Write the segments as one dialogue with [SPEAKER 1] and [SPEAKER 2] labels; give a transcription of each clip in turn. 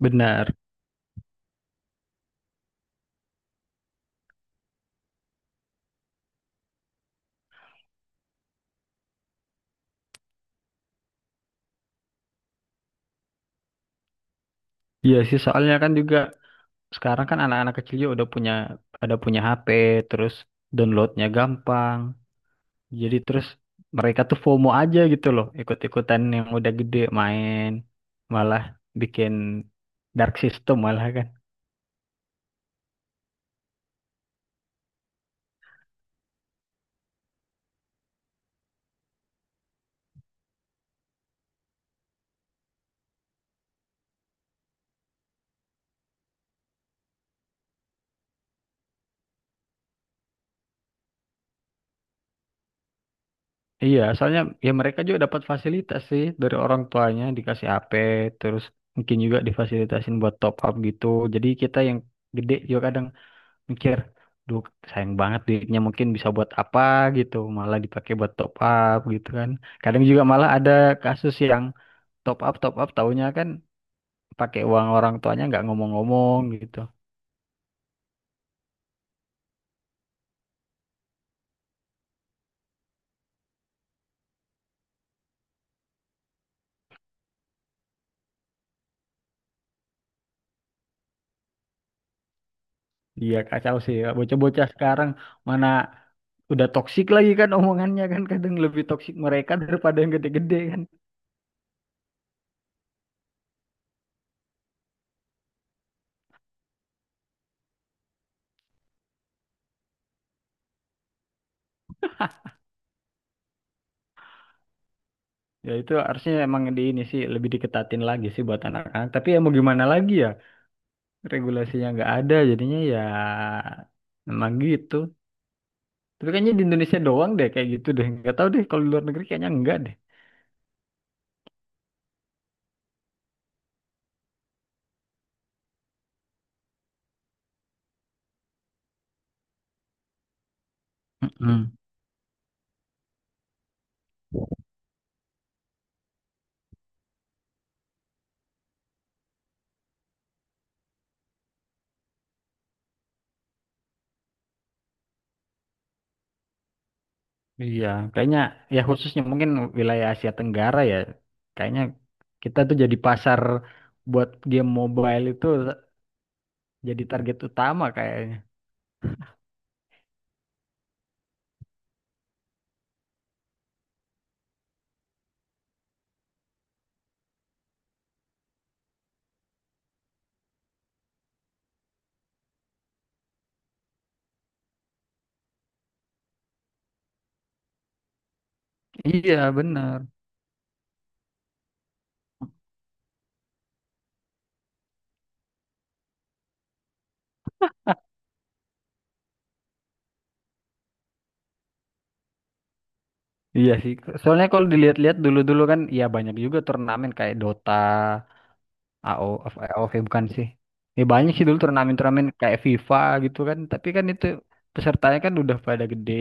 [SPEAKER 1] Benar. Iya sih, soalnya kan juga sekarang kan anak-anak kecil juga udah punya ada punya HP, terus downloadnya gampang. Jadi terus mereka tuh FOMO aja gitu loh, ikut-ikutan yang udah gede main, malah bikin dark system malah kan. Iya, soalnya ya mereka juga dapat fasilitas sih dari orang tuanya dikasih HP, terus mungkin juga difasilitasin buat top up gitu. Jadi kita yang gede juga kadang mikir duh sayang banget duitnya mungkin bisa buat apa gitu malah dipakai buat top up gitu kan. Kadang juga malah ada kasus yang top up taunya kan pakai uang orang tuanya nggak ngomong-ngomong gitu. Iya kacau sih ya. Bocah-bocah sekarang, mana udah toksik lagi kan, omongannya kan kadang lebih toksik mereka daripada yang gede-gede kan. Ya itu harusnya emang di ini sih lebih diketatin lagi sih buat anak-anak, tapi ya mau gimana lagi ya, regulasinya nggak ada jadinya, ya emang gitu. Tapi kayaknya di Indonesia doang deh kayak gitu deh. Nggak tahu deh, kalau di luar negeri kayaknya enggak deh. Mm-mm. Iya, kayaknya ya khususnya mungkin wilayah Asia Tenggara ya. Kayaknya kita tuh jadi pasar buat game mobile itu, jadi target utama kayaknya. Iya, benar. Iya sih. Soalnya kalau dilihat-lihat dulu-dulu kan ya banyak juga turnamen kayak Dota, AO of AOV bukan sih. Ya banyak sih dulu turnamen-turnamen kayak FIFA gitu kan, tapi kan itu pesertanya kan udah pada gede.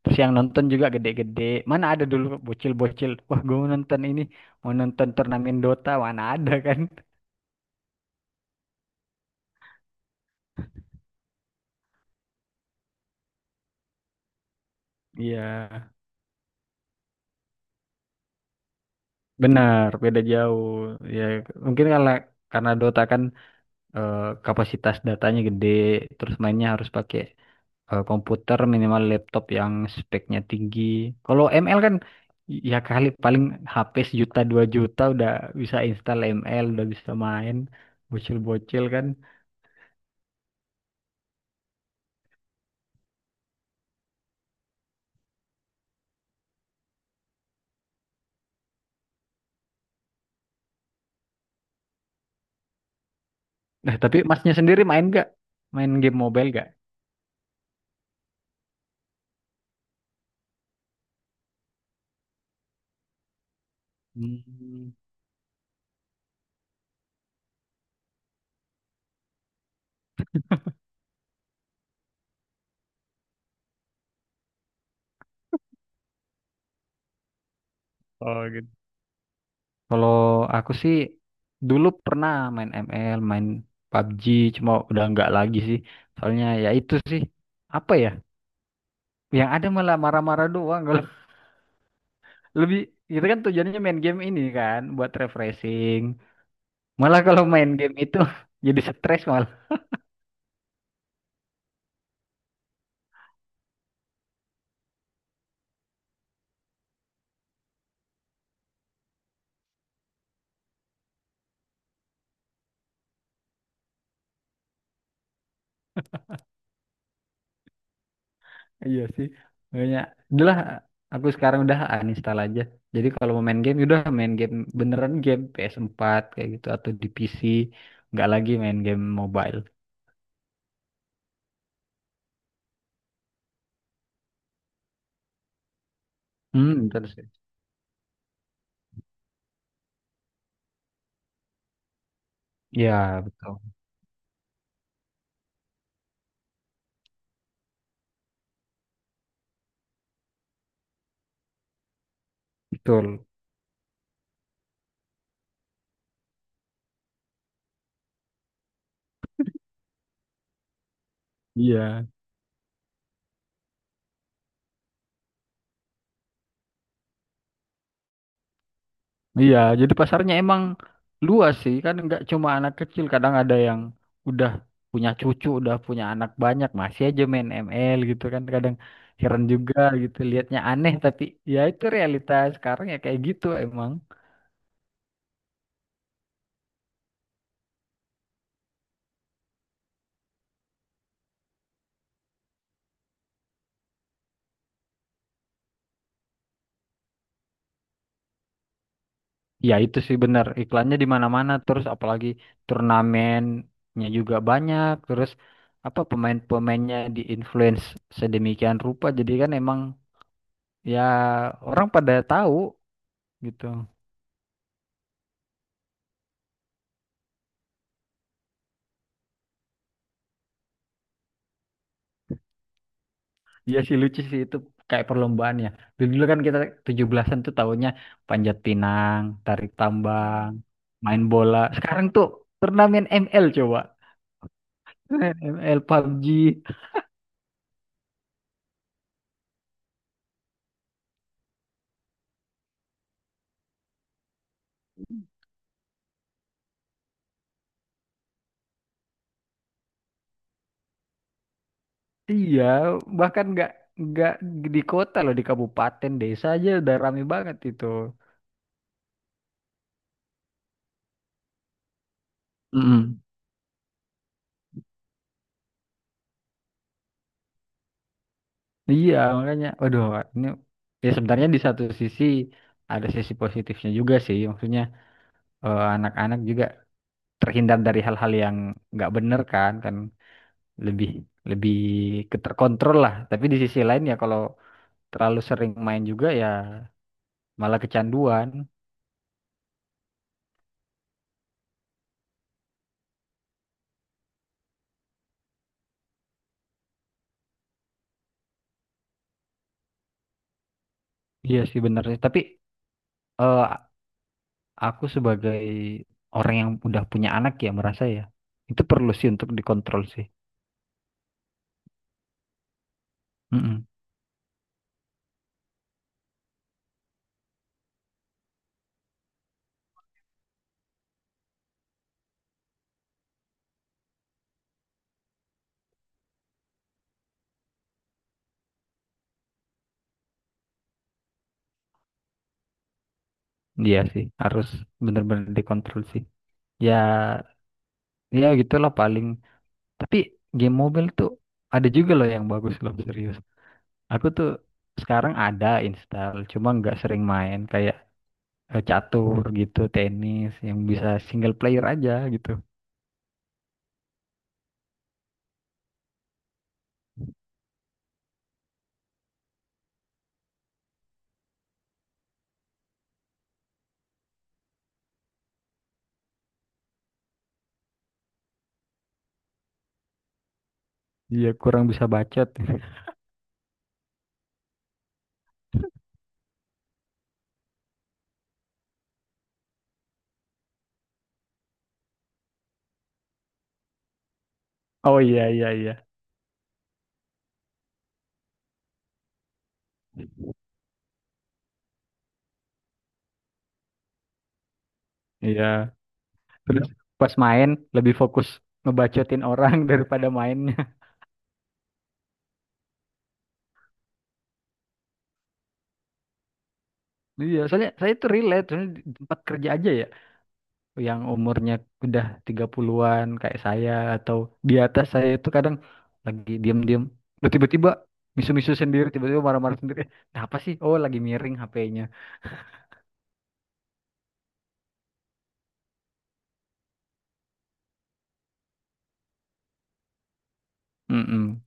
[SPEAKER 1] Terus yang nonton juga gede-gede. Mana ada dulu bocil-bocil, wah gue mau nonton ini, mau nonton turnamen Dota, mana ada kan. Iya, benar, beda jauh. Ya mungkin karena Dota kan, eh, kapasitas datanya gede, terus mainnya harus pakai komputer, minimal laptop yang speknya tinggi. Kalau ML kan ya kali paling HP sejuta dua juta udah bisa install ML, udah bisa main bocil-bocil kan. Nah, tapi masnya sendiri main gak? Main game mobile gak? Hmm. Oh gitu. Kalau aku sih dulu pernah main ML, main PUBG, cuma udah nggak lagi sih. Soalnya ya itu sih, apa ya? Yang ada malah marah-marah doang. Lebih, itu kan tujuannya main game ini kan buat refreshing. Malah kalau main game itu jadi stres malah. Iya sih. Makanya udahlah, aku sekarang udah uninstall aja. Jadi kalau mau main game udah main game beneran, game PS4 kayak gitu atau di PC, nggak lagi main game mobile. Hmm, terus. Ya, betul. Betul. Iya. Iya, jadi pasarnya emang luas sih, kan nggak cuma anak kecil, kadang ada yang udah punya cucu, udah punya anak banyak, masih aja main ML gitu kan, kadang heran juga gitu, liatnya aneh, tapi ya itu realitas sekarang ya kayak gitu emang. Ya itu sih bener, iklannya di mana-mana, terus apalagi turnamennya juga banyak, terus apa pemain-pemainnya di-influence sedemikian rupa, jadi kan emang ya orang pada tahu gitu. Iya sih lucu sih itu, kayak perlombaan ya. Dulu kan kita 17-an tuh tahunnya panjat pinang, tarik tambang, main bola. Sekarang tuh turnamen ML coba. ML PUBG. Iya, bahkan nggak di kota loh, di kabupaten desa aja udah rame banget itu. Mm-mm. Iya, makanya waduh, ini ya sebenarnya di satu sisi ada sisi positifnya juga sih. Maksudnya anak-anak juga terhindar dari hal-hal yang nggak bener kan kan lebih lebih keterkontrol lah, tapi di sisi lain ya kalau terlalu sering main juga ya malah kecanduan. Iya sih benar sih, tapi eh, aku sebagai orang yang udah punya anak ya merasa ya itu perlu sih untuk dikontrol sih. Mm-mm. Iya sih, harus benar-benar dikontrol sih ya ya gitulah paling, tapi game mobile tuh ada juga loh yang bagus loh, serius. Aku tuh sekarang ada install, cuma nggak sering main, kayak catur gitu, tenis yang bisa single player aja gitu. Iya, kurang bisa bacot. Oh iya iya iya. Iya. Terus pas main lebih fokus ngebacotin orang daripada mainnya. Iya, soalnya saya itu relate, soalnya di tempat kerja aja ya, yang umurnya udah 30-an kayak saya atau di atas saya, itu kadang lagi diem-diem, loh, tiba-tiba misu-misu sendiri, tiba-tiba marah-marah sendiri. Eh, kenapa sih? Oh, lagi miring HP-nya. Mm-mm.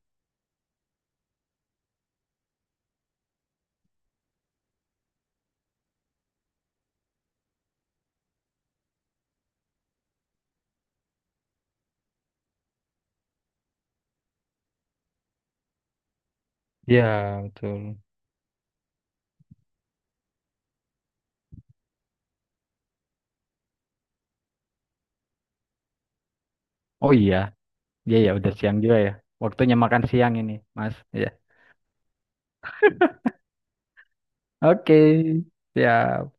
[SPEAKER 1] Iya, betul. Oh iya, iya ya udah siang juga ya. Waktunya makan siang ini, Mas. Ya. Oke, siap.